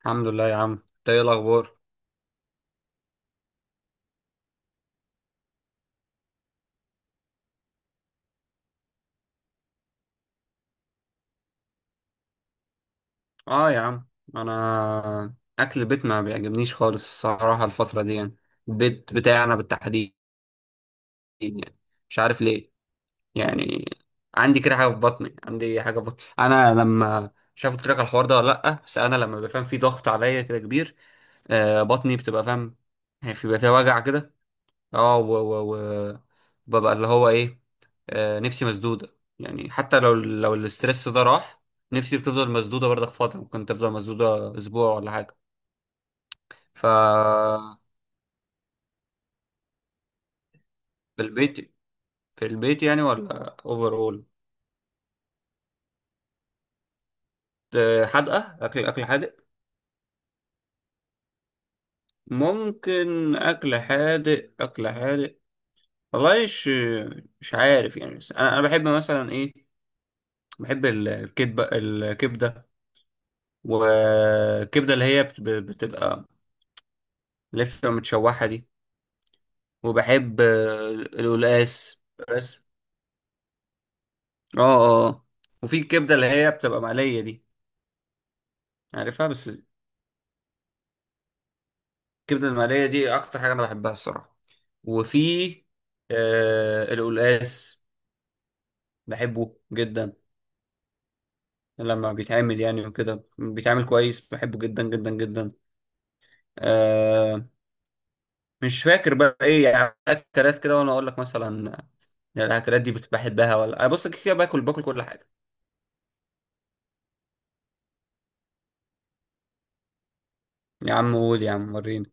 الحمد لله يا عم، انت ايه الاخبار؟ اه يا عم. انا اكل البيت ما بيعجبنيش خالص الصراحه الفتره دي، يعني البيت بتاعنا بالتحديد، يعني مش عارف ليه. يعني عندي كده حاجه في بطني، انا لما مش عارف قلت لك على الحوار ده ولا لا؟ بس انا لما بفهم في ضغط عليا كده كبير. بطني بتبقى، فاهم؟ يعني بيبقى فيها وجع كده. اه و و و ببقى اللي هو ايه، نفسي مسدودة، يعني حتى لو الاسترس ده راح، نفسي بتفضل مسدودة برضك، فترة ممكن تفضل مسدودة اسبوع ولا حاجة. ف في البيت، يعني ولا اوفر اول؟ حادقة، اكل اكل حادق. ممكن اكل حادق، اكل حادق. والله مش عارف يعني، بس انا بحب مثلا ايه، بحب الكبده، الكبده والكبده اللي هي بتبقى لفة متشوحة دي. وبحب القلقاس. بس اه اه. وفي الكبدة اللي هي بتبقى مقلية دي، عارفها؟ بس الكبدة المقلية دي أكتر حاجة أنا بحبها الصراحة. وفي القلقاس، بحبه جدا لما بيتعمل، يعني وكده بيتعمل كويس، بحبه جدا جدا جدا. آه. مش فاكر بقى ايه يعني اكلات كده وانا اقول لك، مثلا يعني الاكلات دي بحبها، ولا أنا بص كده كده باكل كل حاجه؟ يا عم قول يا عم، وريني.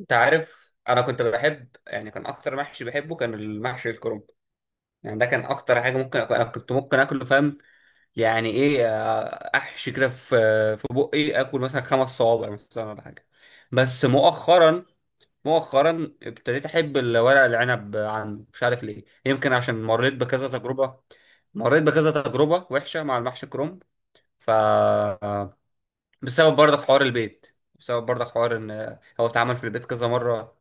انت عارف، انا كنت بحب، يعني كان اكتر محشي بحبه كان المحشي الكرنب. يعني ده كان اكتر حاجه ممكن أكل. انا كنت ممكن اكله، فاهم؟ يعني ايه، احشي كده في، بقي اكل مثلا خمس صوابع مثلا ولا حاجه. بس مؤخرا ابتديت احب الورق العنب عنه، مش عارف ليه، يمكن عشان مريت بكذا تجربه. مريت بكذا تجربه وحشه مع المحشي الكرنب. ف بسبب برضه حوار البيت، بسبب برضه حوار ان هو اتعمل في البيت كذا مره.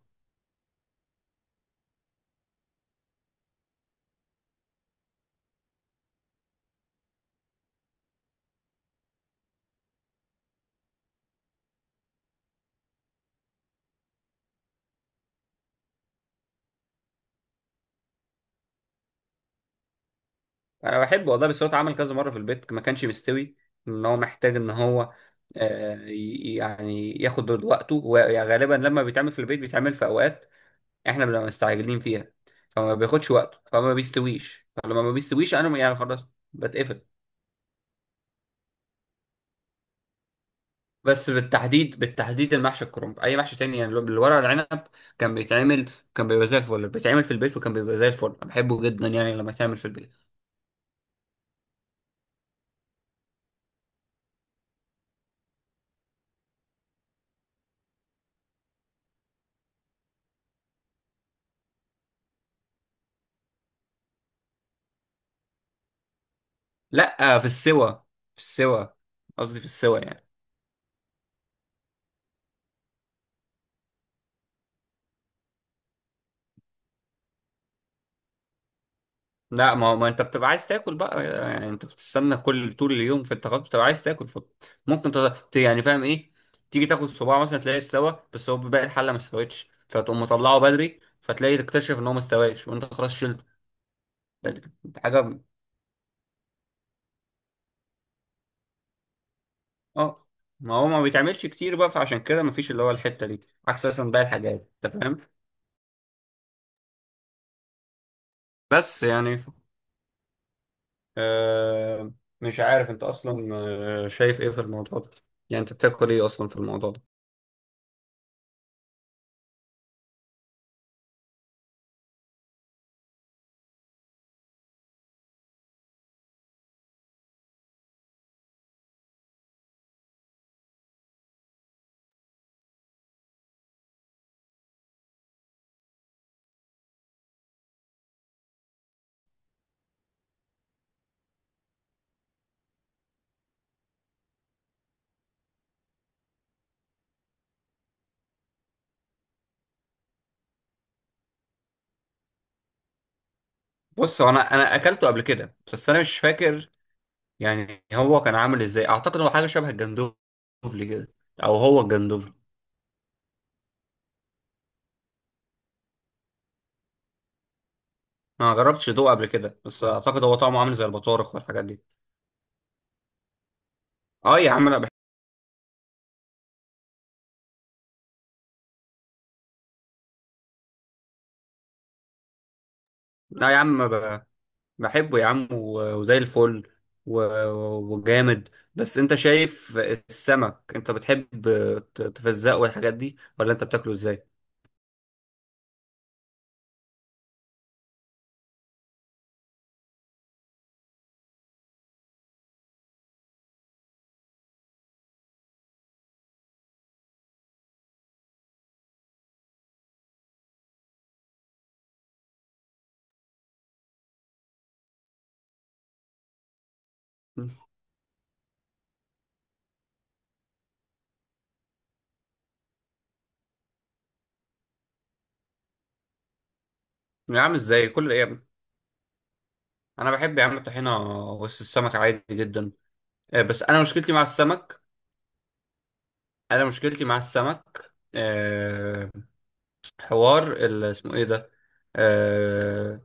انا بحبه والله، بس هو اتعمل كذا مره في البيت ما كانش مستوي. ان هو محتاج ان هو يعني ياخد وقته، وغالبا لما بيتعمل في البيت بيتعمل في اوقات احنا بنبقى مستعجلين فيها، فما بياخدش وقته، فما بيستويش، فلما ما بيستويش انا يعني خلاص بتقفل. بس بالتحديد المحشي الكرنب، اي محشي تاني يعني الورق العنب كان بيتعمل كان بيبقى زي الفل، بيتعمل في البيت وكان بيبقى زي الفل بحبه جدا، يعني لما يتعمل في البيت. لا، في السوا، في السوا، قصدي في السوا يعني. لا ما هو ما انت بتبقى عايز تاكل بقى. يعني انت بتستنى كل طول اليوم في التغدي، بتبقى عايز تاكل، فممكن يعني، فاهم ايه، تيجي تاخد صباع مثلا تلاقيه استوى، بس هو باقي الحله ما استوتش، فتقوم مطلعه بدري، فتلاقي تكتشف ان هو ما استواش وانت خلاص شلته. ده حاجه. اه. ما هو ما بيتعملش كتير بقى، فعشان كده ما فيش اللي هو الحته دي، عكس مثلا باقي الحاجات، انت فاهم؟ بس يعني آه... مش عارف انت اصلا شايف ايه في الموضوع ده، يعني انت بتاكل ايه اصلا في الموضوع ده؟ بص، هو انا اكلته قبل كده بس انا مش فاكر يعني هو كان عامل ازاي، اعتقد هو حاجه شبه الجندوفلي كده، او هو الجندوفلي. انا ما جربتش ادوقه قبل كده، بس اعتقد هو طعمه عامل زي البطارخ والحاجات دي. اه يا عم انا بحب. لا يا عم، بحبه يا عم، وزي الفل، و- وجامد. بس انت شايف السمك انت بتحب تفزقه والحاجات دي، ولا انت بتاكله ازاي؟ يا عم ازاي كل ايه يا عم؟ انا بحب يا عم الطحينه وسط السمك عادي جدا. بس انا مشكلتي مع السمك، انا مشكلتي مع السمك حوار اسمه ايه ده، آه،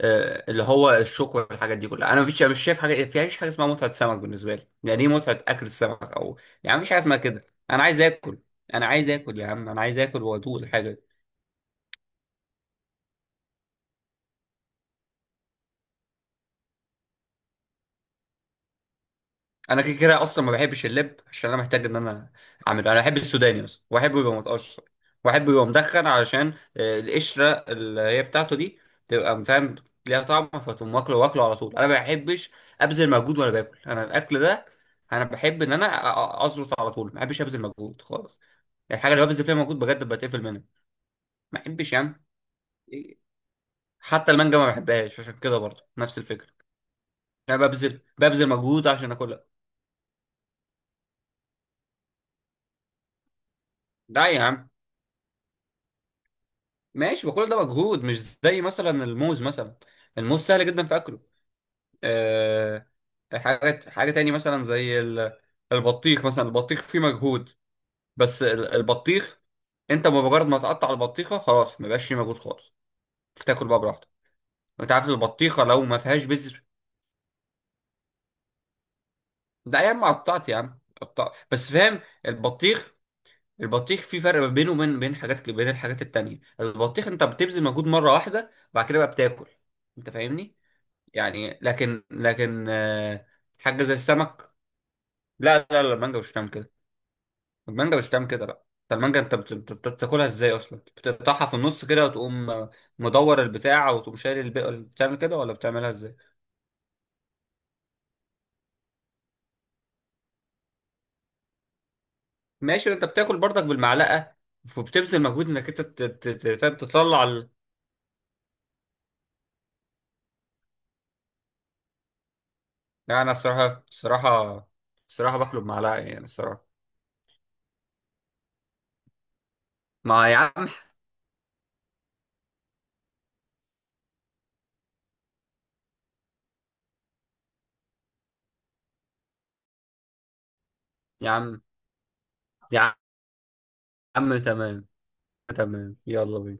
اللي هو الشوك والحاجات دي كلها، انا مفيش، مش شايف حاجه، فيش حاجه اسمها متعه سمك بالنسبه لي. يعني ايه متعه اكل السمك؟ او يعني مفيش حاجه اسمها كده، انا عايز اكل، انا عايز اكل يا عم، انا عايز اكل وادوق الحاجه. انا كده كده اصلا ما بحبش اللب عشان انا محتاج ان انا اعمله. انا بحب السوداني اصلا، واحبه يبقى متقشر، واحبه يبقى مدخن علشان القشره اللي هي بتاعته دي تبقى، فاهم، ليها طعم، فتقوم واكله واكله على طول. انا ما بحبش ابذل مجهود وانا باكل انا الاكل ده. انا بحب ان انا ازرط على طول، ما بحبش ابذل مجهود خالص. الحاجه اللي ببذل فيها مجهود بجد بتقفل منها. ما بحبش يا عم. حتى المانجا ما بحبهاش عشان كده برضه نفس الفكره. انا ببذل مجهود عشان اكلها. لا يا عم، ماشي بقول ده مجهود، مش زي مثلا الموز مثلا، الموز سهل جدا في اكله. أه. حاجه تاني مثلا زي البطيخ مثلا، البطيخ فيه مجهود، بس البطيخ انت بمجرد ما تقطع البطيخه خلاص ما بقاش فيه مجهود خالص، تاكل بقى براحتك. انت عارف البطيخه لو ما فيهاش بذر؟ ده يا عم قطعت، يا عم قطعت بس، فاهم؟ البطيخ، البطيخ في فرق ما بينه وبين حاجات، بين الحاجات التانية. البطيخ انت بتبذل مجهود مره واحده، بعد كده بقى بتاكل، انت فاهمني؟ يعني لكن حاجه زي السمك. لا لا لا، المانجا مش بتعمل كده، المانجا مش بتعمل كده لا. انت المانجا انت بتاكلها ازاي اصلا؟ بتقطعها في النص كده وتقوم مدور البتاع، وتقوم شايل البقى، بتعمل كده ولا بتعملها ازاي؟ ماشي، انت بتاكل برضك بالمعلقه، وبتبذل مجهود انك انت فاهم، تطلع لا انا الصراحه، الصراحه باكله بمعلقه، يعني الصراحه. ما يا عم، يا عم يا عم تمام. تمام، يلا بينا.